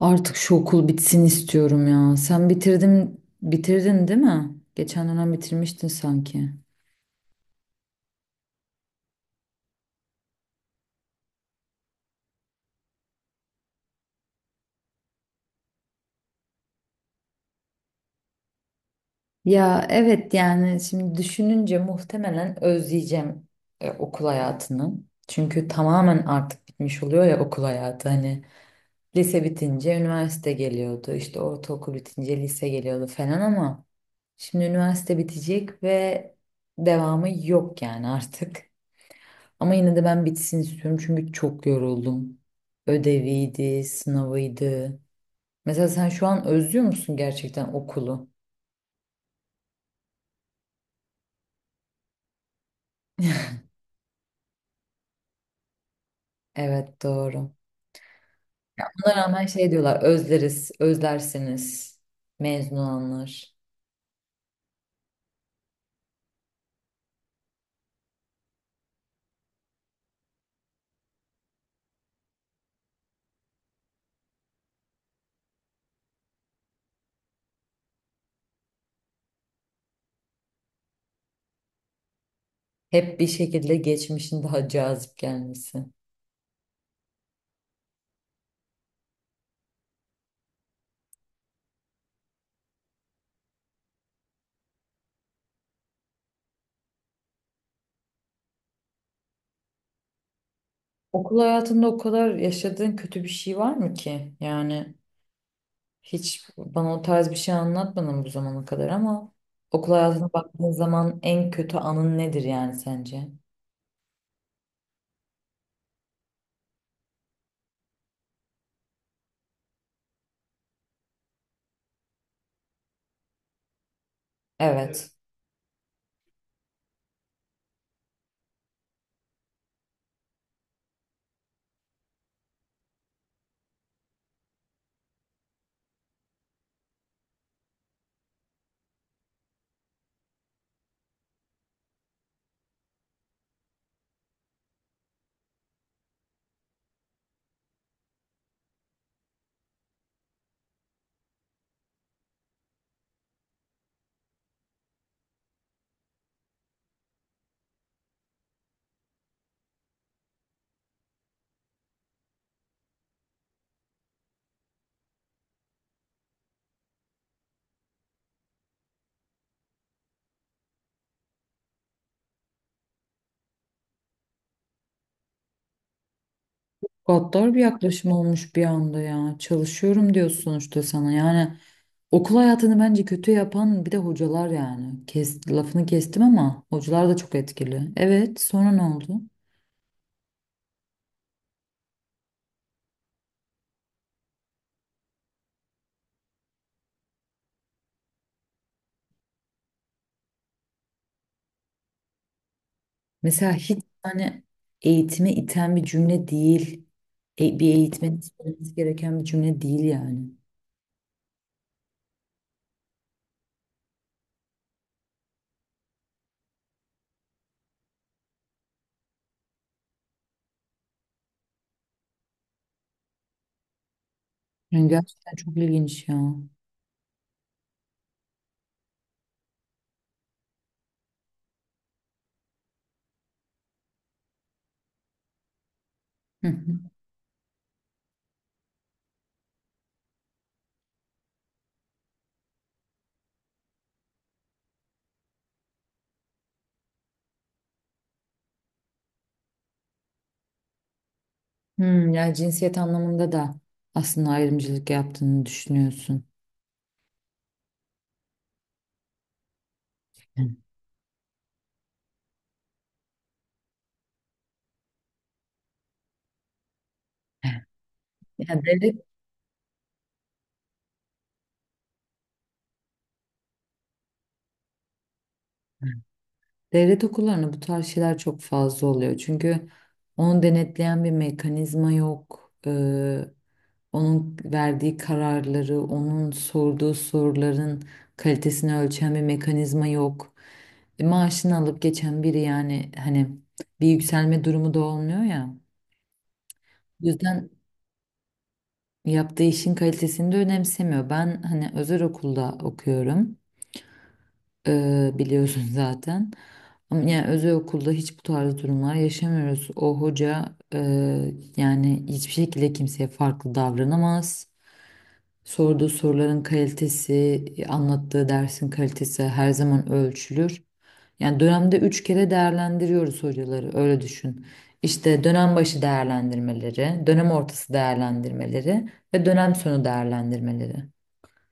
Artık şu okul bitsin istiyorum ya. Sen bitirdin, bitirdin değil mi? Geçen dönem bitirmiştin sanki. Ya evet yani şimdi düşününce muhtemelen özleyeceğim okul hayatını. Çünkü tamamen artık bitmiş oluyor ya okul hayatı. Hani lise bitince üniversite geliyordu, işte ortaokul bitince lise geliyordu falan ama şimdi üniversite bitecek ve devamı yok yani artık. Ama yine de ben bitsin istiyorum çünkü çok yoruldum. Ödeviydi, sınavıydı. Mesela sen şu an özlüyor musun gerçekten okulu? Evet doğru. Buna rağmen şey diyorlar özleriz, özlersiniz mezun olanlar. Hep bir şekilde geçmişin daha cazip gelmesi. Okul hayatında o kadar yaşadığın kötü bir şey var mı ki? Yani hiç bana o tarz bir şey anlatmadın bu zamana kadar ama okul hayatına baktığın zaman en kötü anın nedir yani sence? Evet. Gaddar bir yaklaşım olmuş bir anda ya. Çalışıyorum diyorsun sonuçta sana. Yani okul hayatını bence kötü yapan bir de hocalar yani. Lafını kestim ama hocalar da çok etkili. Evet, sonra ne oldu? Mesela hiç hani eğitime iten bir cümle değil. E, bir eğitmenin söylemesi gereken bir cümle değil yani. Yani gerçekten çok ilginç ya. Hı hı. Hmm, yani cinsiyet anlamında da aslında ayrımcılık yaptığını düşünüyorsun. Hı. Yani devlet Devlet okullarında bu tarz şeyler çok fazla oluyor. Çünkü onu denetleyen bir mekanizma yok. Onun verdiği kararları, onun sorduğu soruların kalitesini ölçen bir mekanizma yok. E, maaşını alıp geçen biri yani hani bir yükselme durumu da olmuyor ya. O yüzden yaptığı işin kalitesini de önemsemiyor. Ben hani özel okulda okuyorum. Biliyorsun zaten. Ama yani özel okulda hiç bu tarz durumlar yaşamıyoruz. O hoca yani hiçbir şekilde kimseye farklı davranamaz. Sorduğu soruların kalitesi, anlattığı dersin kalitesi her zaman ölçülür. Yani dönemde üç kere değerlendiriyoruz hocaları, öyle düşün. İşte dönem başı değerlendirmeleri, dönem ortası değerlendirmeleri ve dönem sonu değerlendirmeleri.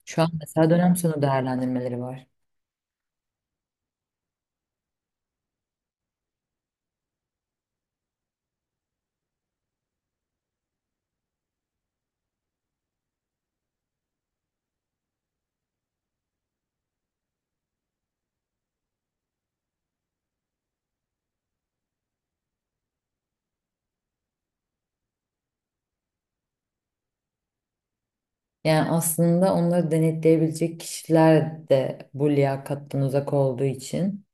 Şu an mesela dönem sonu değerlendirmeleri var. Yani aslında onları denetleyebilecek kişiler de bu liyakattan uzak olduğu için.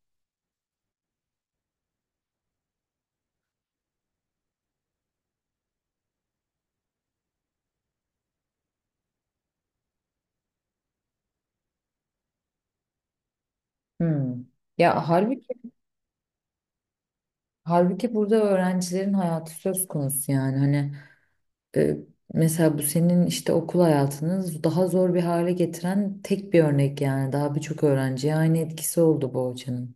Hmm. Ya halbuki, burada öğrencilerin hayatı söz konusu yani. Hani e, mesela bu senin işte okul hayatını daha zor bir hale getiren tek bir örnek yani. Daha birçok öğrenciye aynı etkisi oldu bu hocanın.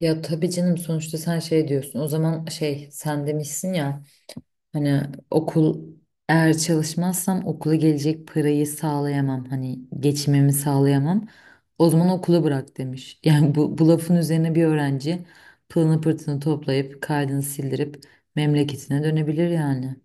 Ya tabii canım sonuçta sen şey diyorsun. O zaman şey sen demişsin ya. Hani okul eğer çalışmazsam okula gelecek parayı sağlayamam. Hani geçimimi sağlayamam. O zaman okulu bırak demiş. Yani bu lafın üzerine bir öğrenci pılını pırtını toplayıp kaydını sildirip memleketine dönebilir yani.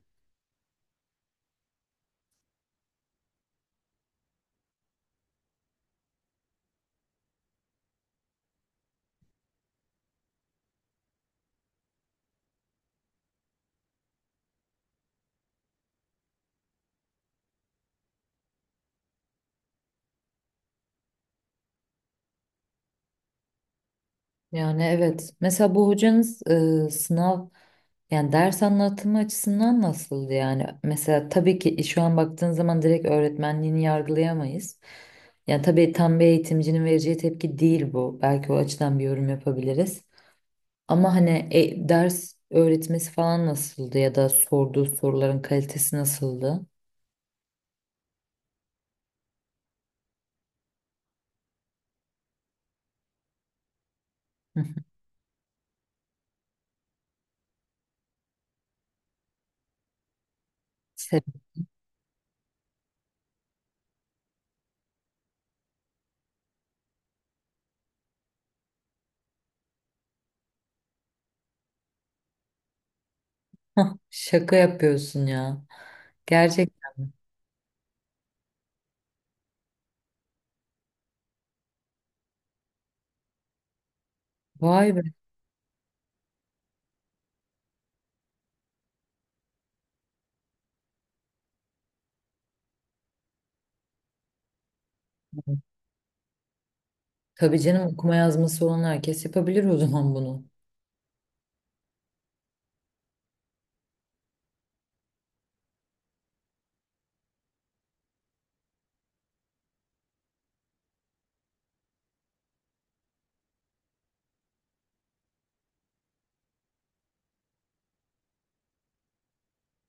Yani evet. Mesela bu hocanız sınav yani ders anlatımı açısından nasıldı yani? Mesela tabii ki şu an baktığın zaman direkt öğretmenliğini yargılayamayız. Yani tabii tam bir eğitimcinin vereceği tepki değil bu. Belki o açıdan bir yorum yapabiliriz. Ama hani ders öğretmesi falan nasıldı ya da sorduğu soruların kalitesi nasıldı? Şaka yapıyorsun ya. Gerçekten. Vay be. Tabii canım okuma yazması olan herkes yapabilir o zaman bunu.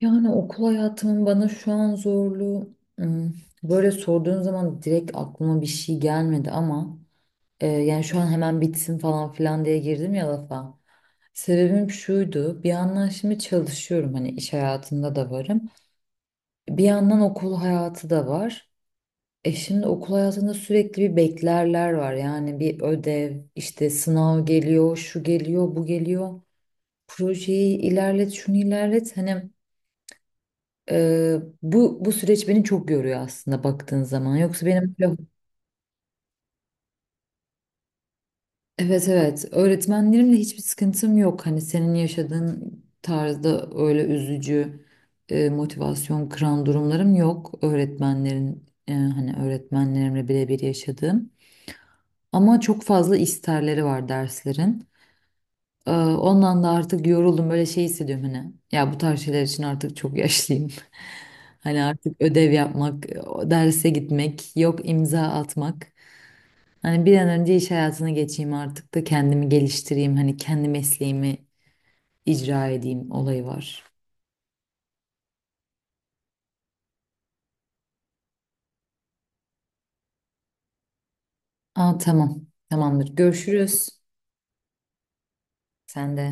Yani okul hayatımın bana şu an zorluğu böyle sorduğun zaman direkt aklıma bir şey gelmedi ama yani şu an hemen bitsin falan filan diye girdim ya lafa. Sebebim şuydu bir yandan şimdi çalışıyorum hani iş hayatında da varım. Bir yandan okul hayatı da var. E şimdi okul hayatında sürekli bir beklerler var. Yani bir ödev, işte sınav geliyor, şu geliyor, bu geliyor. Projeyi ilerlet, şunu ilerlet. Hani bu süreç beni çok yoruyor aslında baktığın zaman. Evet, evet, öğretmenlerimle hiçbir sıkıntım yok. Hani senin yaşadığın tarzda öyle üzücü motivasyon kıran durumlarım yok. Öğretmenlerin hani öğretmenlerimle birebir yaşadığım. Ama çok fazla isterleri var derslerin. Ondan da artık yoruldum böyle şey hissediyorum hani. Ya bu tarz şeyler için artık çok yaşlıyım. Hani artık ödev yapmak, derse gitmek, yok imza atmak. Hani bir an önce iş hayatına geçeyim artık da kendimi geliştireyim. Hani kendi mesleğimi icra edeyim olayı var. Aa tamam. Tamamdır. Görüşürüz. Sen de.